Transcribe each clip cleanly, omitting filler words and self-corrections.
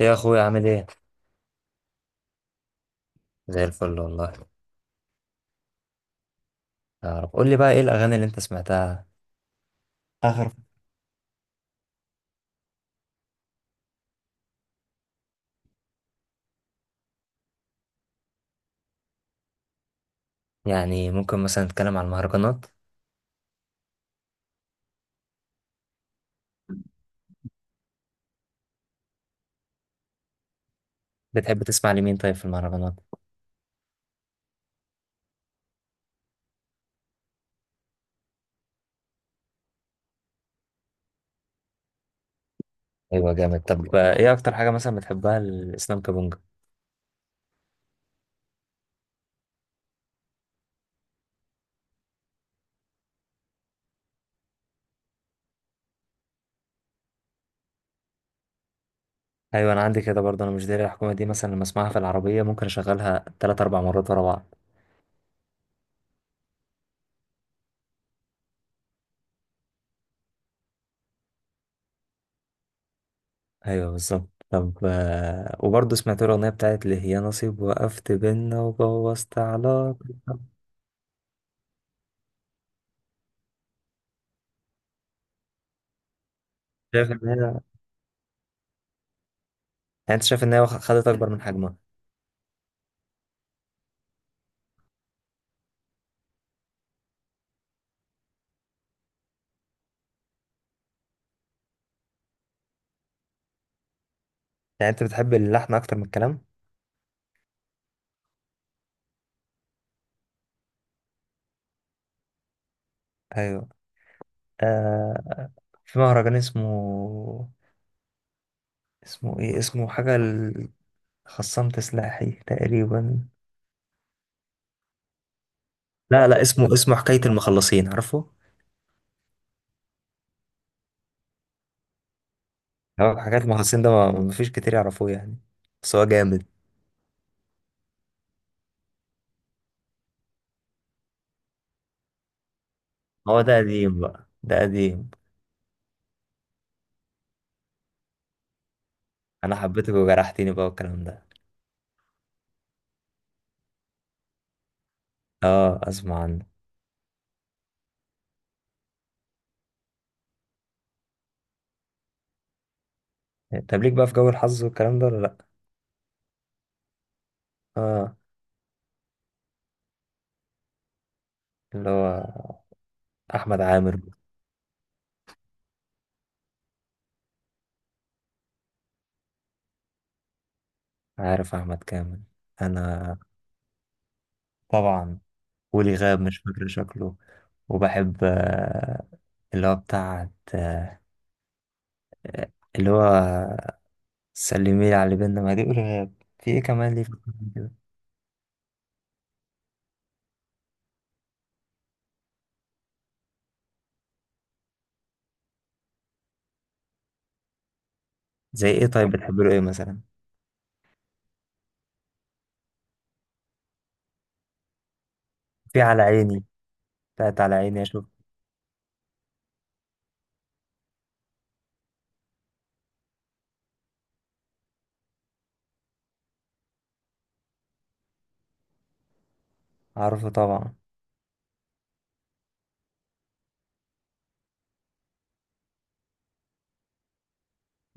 يا اخويا عامل ايه؟ زي الفل والله. يا رب قول لي بقى ايه الاغاني اللي انت سمعتها؟ اخر. يعني ممكن مثلا نتكلم عن المهرجانات. بتحب تسمع لمين طيب في المهرجانات؟ ايوه جامد. طب ايه اكتر حاجه مثلا بتحبها الاسلام كابونجا؟ ايوه انا عندي كده برضه، انا مش داري الحكومه دي مثلا لما اسمعها في العربيه ممكن اشغلها تلات اربع مرات ورا بعض. ايوه بالظبط. طب وبرضه سمعت له الاغنيه بتاعت اللي هي نصيب وقفت بينا وبوظت علاقتنا. شايف ان هي يعني، انت شايف ان هي خدت اكبر من حجمها؟ يعني انت بتحب اللحن اكتر من الكلام؟ ايوه. آه. في مهرجان اسمه، اسمه ايه، اسمه حاجة خصام تسلاحي تقريبا. لا، اسمه، اسمه حكاية المخلصين، عارفه؟ هو حكاية المخلصين ده ما فيش كتير يعرفوه يعني، بس هو جامد. هو ده قديم بقى؟ ده قديم. انا حبيتك وجرحتني بقى والكلام ده. اه اسمع عنه. طب ليك بقى في جو الحظ والكلام ده ولا لا؟ اه، اللي هو احمد عامر. عارف احمد كامل؟ انا طبعا. ولي غاب مش فاكر شكله. وبحب اللي هو بتاعت اللي هو سلمي لي على اللي بينا ما دي قولها. في ايه كمان ليه في القرآن كده. زي ايه طيب، بتحب له ايه مثلا؟ في على عيني، بتاعت على عيني اشوف. عارفه طبعا.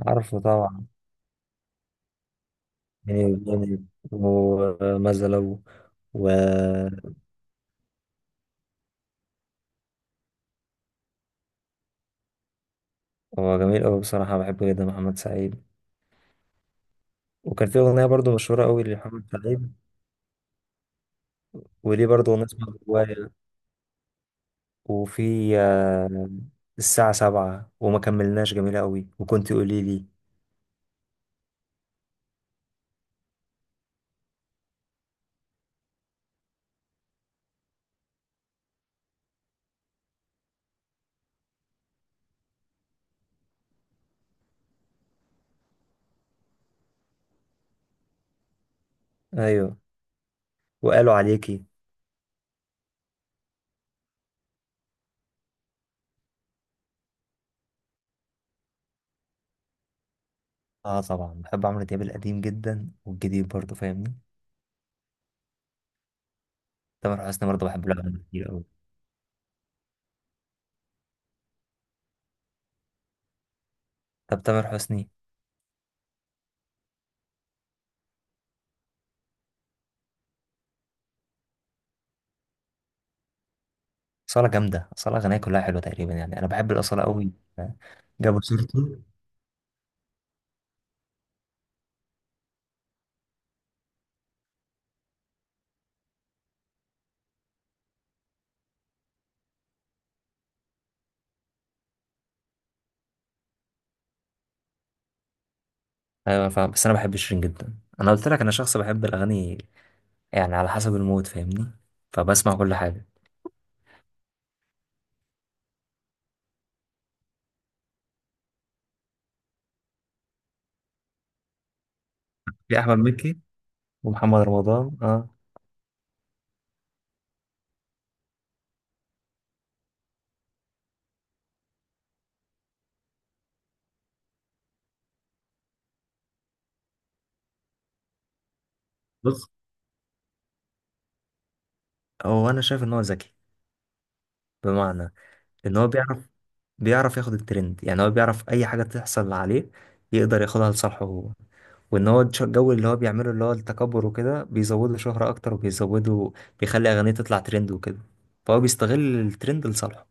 عارفه طبعا. بيني وبيني، وماذا لو، و... هو جميل قوي بصراحة، بحبه جدا محمد سعيد. وكان في أغنية برضو مشهورة قوي لمحمد سعيد. وليه برضو أغنية اسمها جوايا. وفي آه، الساعة سبعة وما كملناش، جميلة قوي، وكنت قولي لي. أيوة. وقالوا عليكي. اه طبعا، بحب عمرو دياب القديم جدا والجديد برضه، فاهمني. تامر حسني برضه بحب له أغاني كتير قوي. طب تامر حسني. أصالة جامدة، أصالة أغانيها كلها حلوة تقريبا، يعني أنا بحب الأصالة قوي. جابوا سيرته. أيوة فاهم، بس أنا بحب شيرين جدا. أنا قلت لك أنا شخص بحب الأغاني، يعني على حسب المود فاهمني، فبسمع كل حاجة. في أحمد مكي ومحمد رمضان اه. بص، هو أنا شايف إن هو ذكي. بمعنى ان هو بيعرف، بيعرف ياخد الترند. يعني هو بيعرف اي حاجه تحصل عليه يقدر ياخدها لصالحه هو. وان هو الجو اللي هو بيعمله اللي هو التكبر وكده بيزوده شهره اكتر، وبيزوده بيخلي اغانيه تطلع ترند وكده، فهو بيستغل الترند لصالحه.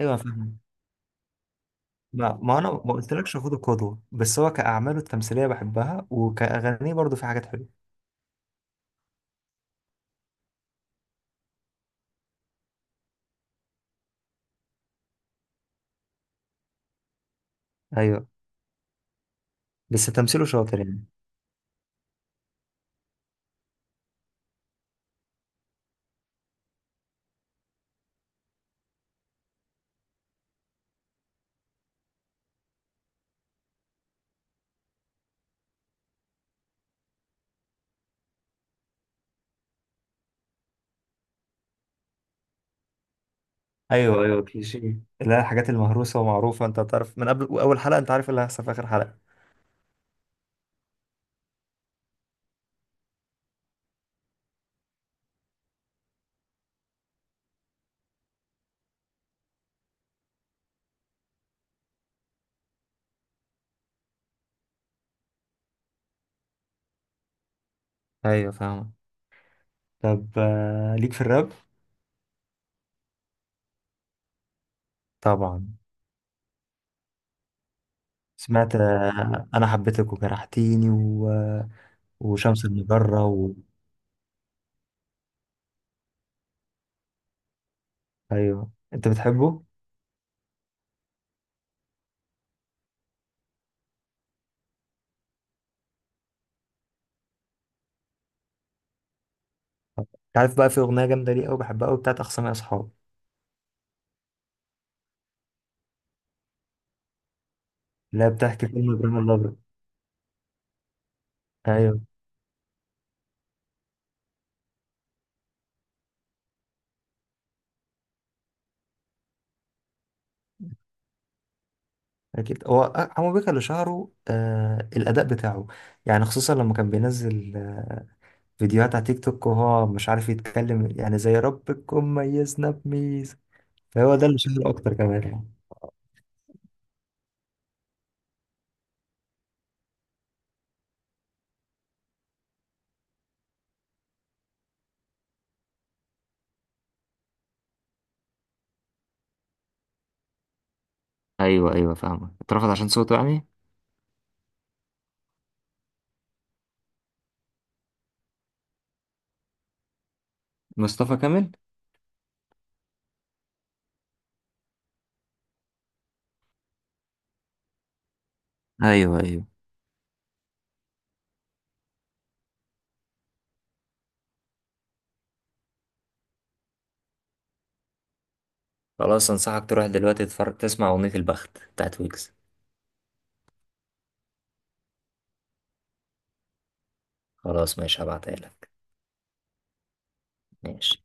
ايوه فاهم. ما انا ما قلتلكش خد القدوه، بس هو كاعماله التمثيليه بحبها، وكاغانيه برضو في حاجات حلوه. ايوه. بس تمثيله شاطر يعني. ايوه ايوه كليشيه، لا الحاجات المهروسه ومعروفه، انت تعرف من قبل اول حلقه انت عارف اللي هيحصل في اخر حلقه. ايوه فاهمة. طب ليك في الراب؟ طبعا. سمعت انا حبيتك وجرحتيني و... وشمس المجرة و... ايوه انت بتحبه. انت عارف بقى في اغنية جامدة ليه قوي بحبها قوي بتاعت اخصامي اصحاب. لا بتحكي فيلم ابراهيم الابيض. ايوه. اكيد هو حمو بيكا اللي شهره آه الاداء بتاعه، يعني خصوصا لما كان بينزل آه فيديوهات على تيك توك وهو مش عارف يتكلم، يعني زي ربكم ميزنا بميزه، فهو ده اللي شهر اكتر كمان يعني. ايوه ايوه فاهمك، اترفض عشان صوته يعني. مصطفى كامل. ايوه ايوه. خلاص انصحك تروح دلوقتي تتفرج تسمع اغنية البخت بتاعت ويجز. خلاص ماشي، هبعتها لك. ماشي.